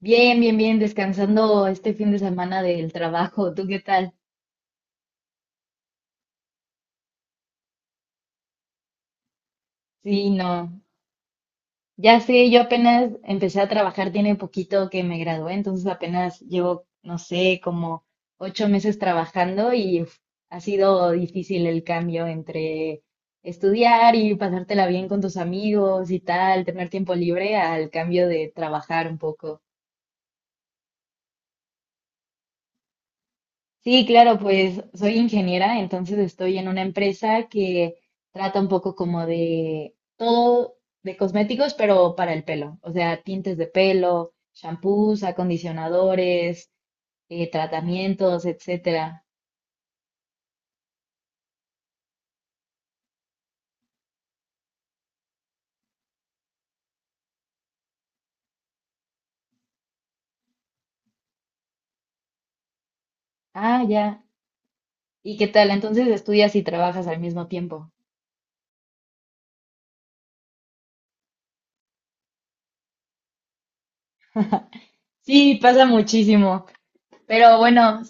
Bien, bien, bien, descansando este fin de semana del trabajo. ¿Tú qué tal? Sí, no. Ya sé, yo apenas empecé a trabajar, tiene poquito que me gradué, entonces apenas llevo, no sé, como 8 meses trabajando y uf, ha sido difícil el cambio entre estudiar y pasártela bien con tus amigos y tal, tener tiempo libre al cambio de trabajar un poco. Sí, claro, pues soy ingeniera, entonces estoy en una empresa que trata un poco como de todo de cosméticos, pero para el pelo, o sea, tintes de pelo, shampoos, acondicionadores, tratamientos, etcétera. Ah, ya. ¿Y qué tal? Entonces estudias y trabajas al mismo tiempo. Sí, pasa muchísimo. Pero bueno,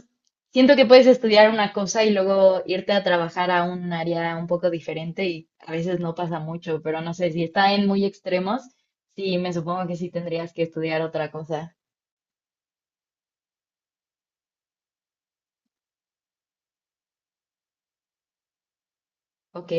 siento que puedes estudiar una cosa y luego irte a trabajar a un área un poco diferente y a veces no pasa mucho, pero no sé, si está en muy extremos, sí, me supongo que sí tendrías que estudiar otra cosa. Ok,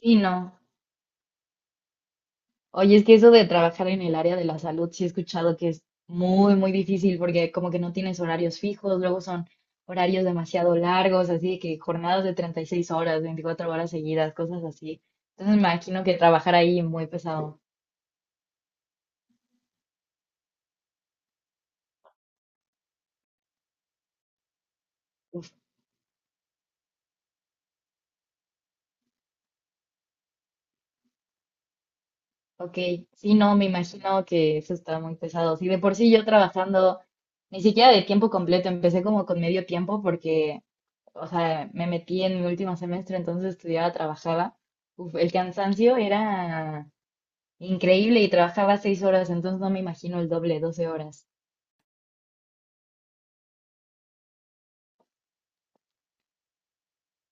sí, no. Oye, es que eso de trabajar en el área de la salud, sí he escuchado que es muy, muy difícil porque como que no tienes horarios fijos, luego son horarios demasiado largos, así de que jornadas de 36 horas, 24 horas seguidas, cosas así. Entonces me imagino que trabajar ahí muy pesado. Ok, sí, no, me imagino que eso está muy pesado. Sí, de por sí yo trabajando ni siquiera de tiempo completo, empecé como con medio tiempo porque, o sea, me metí en mi último semestre, entonces estudiaba, trabajaba. Uf, el cansancio era increíble y trabajaba 6 horas, entonces no me imagino el doble, 12 horas.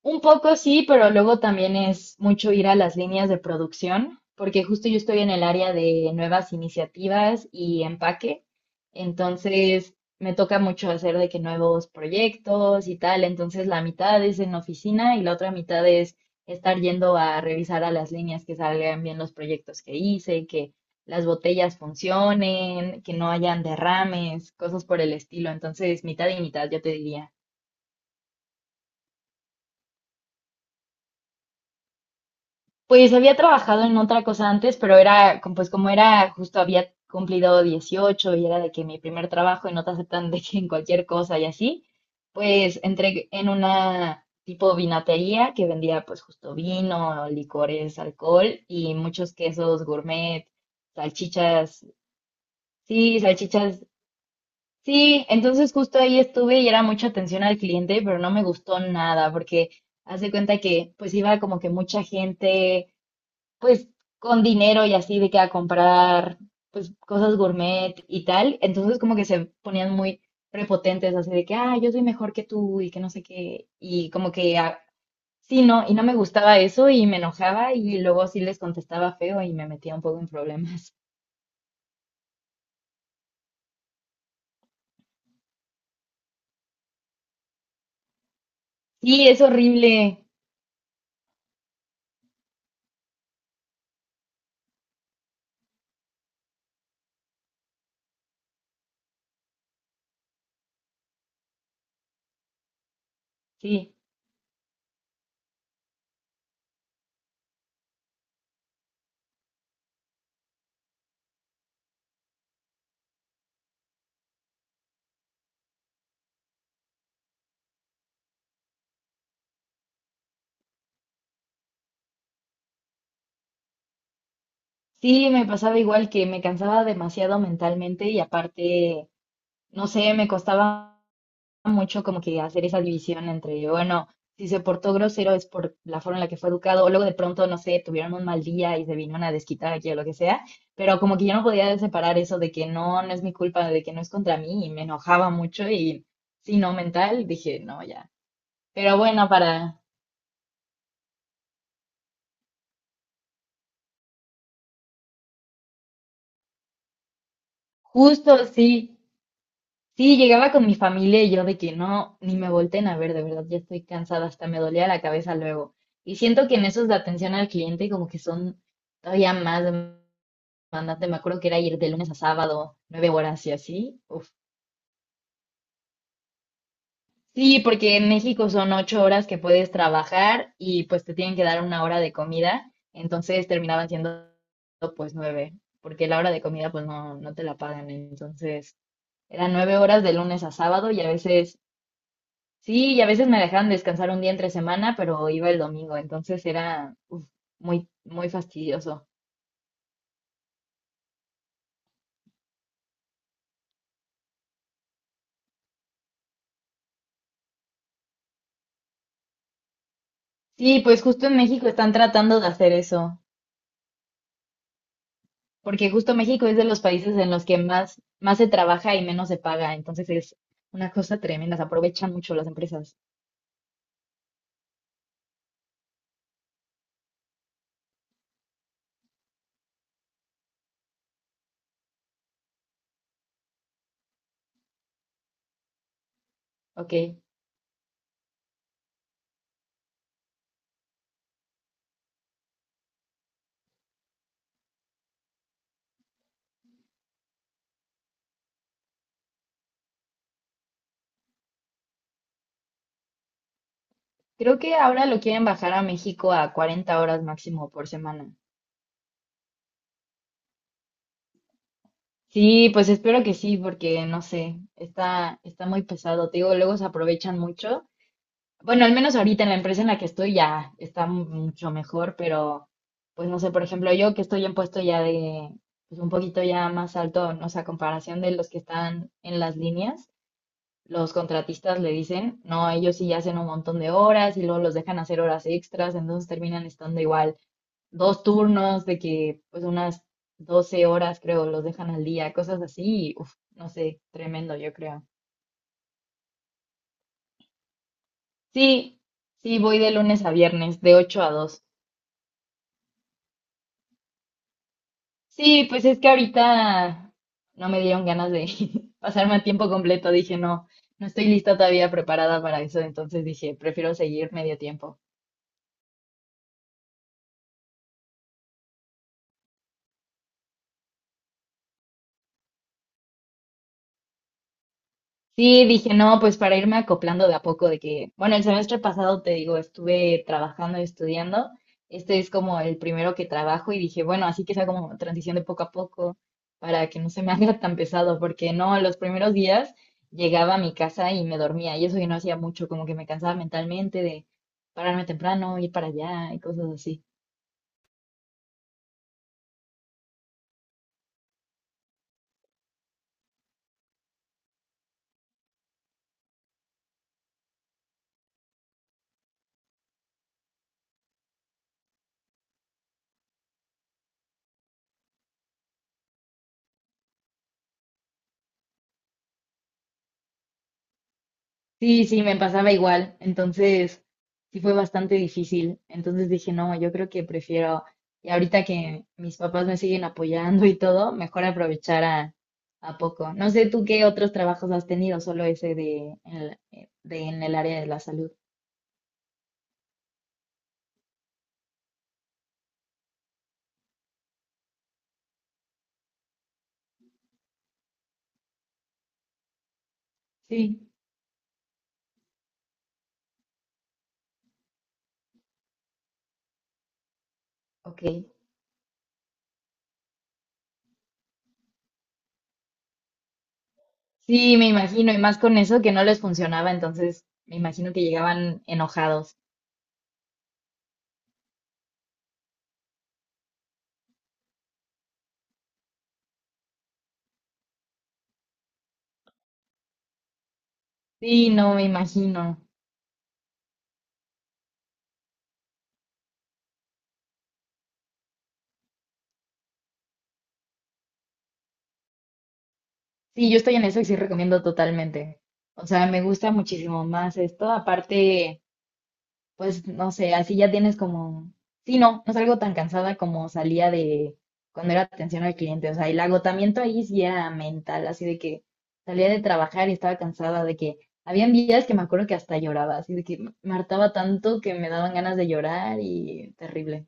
Un poco sí, pero luego también es mucho ir a las líneas de producción, porque justo yo estoy en el área de nuevas iniciativas y empaque, entonces me toca mucho hacer de que nuevos proyectos y tal, entonces la mitad es en oficina y la otra mitad es estar yendo a revisar a las líneas que salgan bien los proyectos que hice, que las botellas funcionen, que no hayan derrames, cosas por el estilo, entonces mitad y mitad, yo te diría. Pues había trabajado en otra cosa antes, pero era, pues como era, justo había cumplido 18 y era de que mi primer trabajo y no te aceptan de que en cualquier cosa y así, pues entré en una tipo vinatería que vendía pues justo vino, licores, alcohol y muchos quesos gourmet, salchichas, sí, salchichas, sí, entonces justo ahí estuve y era mucha atención al cliente, pero no me gustó nada porque haz de cuenta que pues iba como que mucha gente pues con dinero y así de que a comprar pues cosas gourmet y tal, entonces como que se ponían muy prepotentes así de que, ah, yo soy mejor que tú y que no sé qué, y como que ah, sí, no, y no me gustaba eso y me enojaba y luego sí les contestaba feo y me metía un poco en problemas. Sí, es horrible, sí, sí, me pasaba igual que me cansaba demasiado mentalmente y aparte, no sé, me costaba mucho como que hacer esa división entre, bueno, si se portó grosero es por la forma en la que fue educado, o luego de pronto, no sé, tuvieron un mal día y se vinieron a desquitar aquí o lo que sea, pero como que yo no podía separar eso de que no, no es mi culpa, de que no es contra mí, y me enojaba mucho y si no mental, dije, no, ya. Pero bueno, para justo sí. Sí, llegaba con mi familia y yo de que no, ni me volteen a ver, de verdad, ya estoy cansada, hasta me dolía la cabeza luego. Y siento que en esos de atención al cliente como que son todavía más demandantes. Me acuerdo que era ir de lunes a sábado, 9 horas y así. Uf. Sí, porque en México son 8 horas que puedes trabajar y pues te tienen que dar una hora de comida, entonces terminaban siendo pues nueve, porque la hora de comida pues no, no te la pagan, entonces eran 9 horas de lunes a sábado y a veces... Sí, y a veces me dejaban descansar un día entre semana, pero iba el domingo, entonces era uf, muy, muy fastidioso. Sí, pues justo en México están tratando de hacer eso, porque justo México es de los países en los que más, más se trabaja y menos se paga, entonces es una cosa tremenda, se aprovechan mucho las empresas. Ok, creo que ahora lo quieren bajar a México a 40 horas máximo por semana. Sí, pues espero que sí, porque no sé, está muy pesado, te digo, luego se aprovechan mucho. Bueno, al menos ahorita en la empresa en la que estoy ya está mucho mejor, pero pues no sé, por ejemplo, yo que estoy en puesto ya de, pues un poquito ya más alto, no sé, a comparación de los que están en las líneas, los contratistas le dicen, no, ellos sí hacen un montón de horas y luego los dejan hacer horas extras, entonces terminan estando igual dos turnos de que pues unas 12 horas creo los dejan al día, cosas así, y, uf, no sé, tremendo yo creo. Sí, sí, voy de lunes a viernes, de 8 a 2. Sí, pues es que ahorita no me dieron ganas de pasarme a tiempo completo. Dije, no, no estoy lista todavía preparada para eso. Entonces dije, prefiero seguir medio tiempo. Sí, dije, no, pues para irme acoplando de a poco, de que, bueno, el semestre pasado te digo, estuve trabajando y estudiando, este es como el primero que trabajo y dije, bueno, así que sea como transición de poco a poco para que no se me haga tan pesado, porque no, los primeros días llegaba a mi casa y me dormía y eso yo no hacía mucho, como que me cansaba mentalmente de pararme temprano, ir para allá y cosas así. Sí, sí, me pasaba igual. Entonces, sí fue bastante difícil. Entonces dije, no, yo creo que prefiero, y ahorita que mis papás me siguen apoyando y todo, mejor aprovechar a poco. No sé tú qué otros trabajos has tenido, solo ese de, de en el área de la salud. Sí, ok. Sí, me imagino, y más con eso que no les funcionaba, entonces me imagino que llegaban enojados. Sí, no, me imagino. Sí, yo estoy en eso y sí recomiendo totalmente. O sea, me gusta muchísimo más esto. Aparte, pues no sé, así ya tienes como, sí, no, no salgo tan cansada como salía de cuando era atención al cliente. O sea, el agotamiento ahí sí era mental, así de que salía de trabajar y estaba cansada, de que habían días que me acuerdo que hasta lloraba, así de que me hartaba tanto que me daban ganas de llorar y terrible.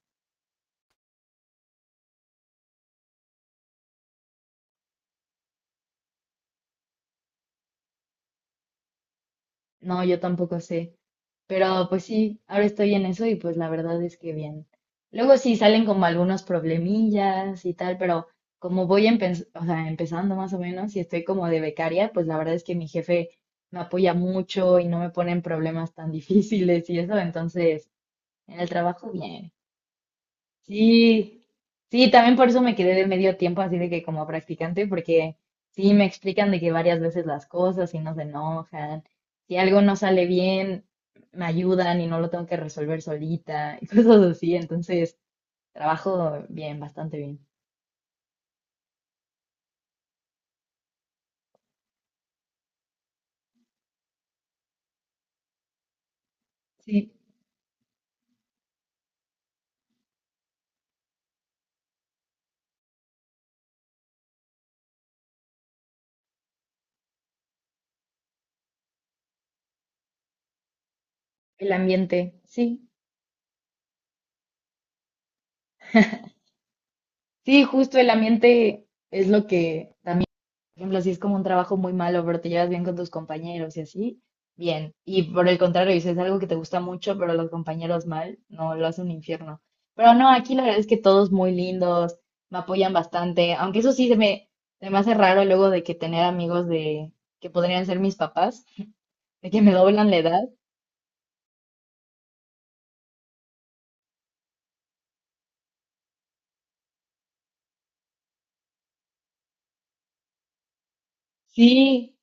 No, yo tampoco sé. Pero pues sí, ahora estoy en eso y pues la verdad es que bien. Luego sí salen como algunos problemillas y tal, pero como voy o sea, empezando más o menos y estoy como de becaria, pues la verdad es que mi jefe me apoya mucho y no me pone en problemas tan difíciles y eso, entonces en el trabajo bien. Sí, sí, también por eso me quedé de medio tiempo así de que como practicante, porque sí me explican de que varias veces las cosas y no se enojan, si algo no sale bien, me ayudan y no lo tengo que resolver solita y cosas así, entonces trabajo bien, bastante bien. Sí, el ambiente, sí, sí, justo el ambiente es lo que también. Por ejemplo, si es como un trabajo muy malo, pero te llevas bien con tus compañeros y así, bien. Y por el contrario, si es algo que te gusta mucho, pero los compañeros mal, no, lo hace un infierno. Pero no, aquí la verdad es que todos muy lindos, me apoyan bastante, aunque eso sí se me hace raro luego de que tener amigos de que podrían ser mis papás, de que me doblan la edad. Sí,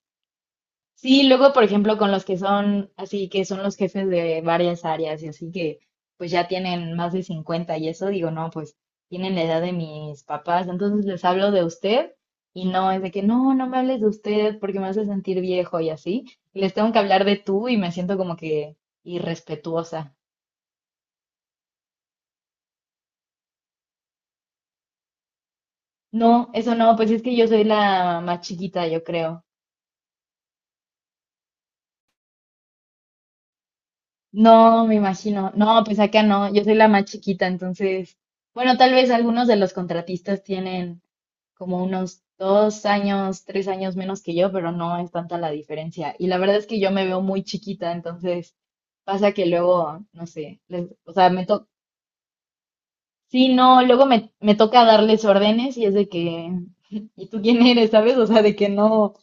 sí, luego, por ejemplo, con los que son así, que son los jefes de varias áreas y así que pues ya tienen más de 50 y eso, digo, no, pues tienen la edad de mis papás, entonces les hablo de usted y no es de que no, no me hables de usted porque me hace sentir viejo y así, y les tengo que hablar de tú y me siento como que irrespetuosa. No, eso no, pues es que yo soy la más chiquita, yo creo. No, me imagino. No, pues acá no, yo soy la más chiquita, entonces, bueno, tal vez algunos de los contratistas tienen como unos 2 años, 3 años menos que yo, pero no es tanta la diferencia. Y la verdad es que yo me veo muy chiquita, entonces pasa que luego, no sé, o sea, me toca, sí, no, luego me toca darles órdenes y es de que, ¿y tú quién eres, sabes? O sea, de que no,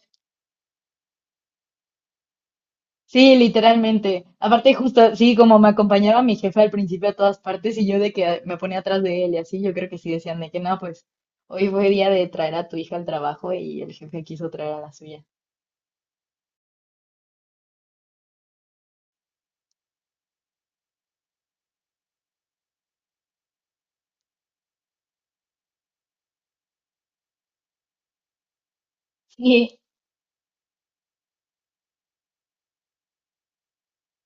sí, literalmente. Aparte, justo, sí, como me acompañaba mi jefe al principio a todas partes y yo de que me ponía atrás de él y así, yo creo que sí decían de que no, pues. Hoy fue día de traer a tu hija al trabajo y el jefe quiso traer a la suya. Sí,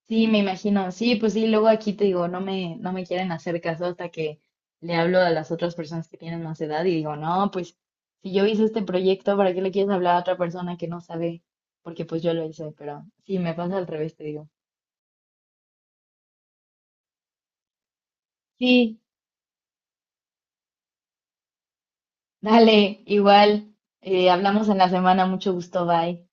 sí, me imagino. Sí, pues sí, luego aquí te digo, no me quieren hacer caso hasta que le hablo a las otras personas que tienen más edad y digo, no, pues si yo hice este proyecto, ¿para qué le quieres hablar a otra persona que no sabe? Porque pues yo lo hice, pero sí, me pasa al revés, te digo. Sí, dale, igual. Hablamos en la semana, mucho gusto, bye.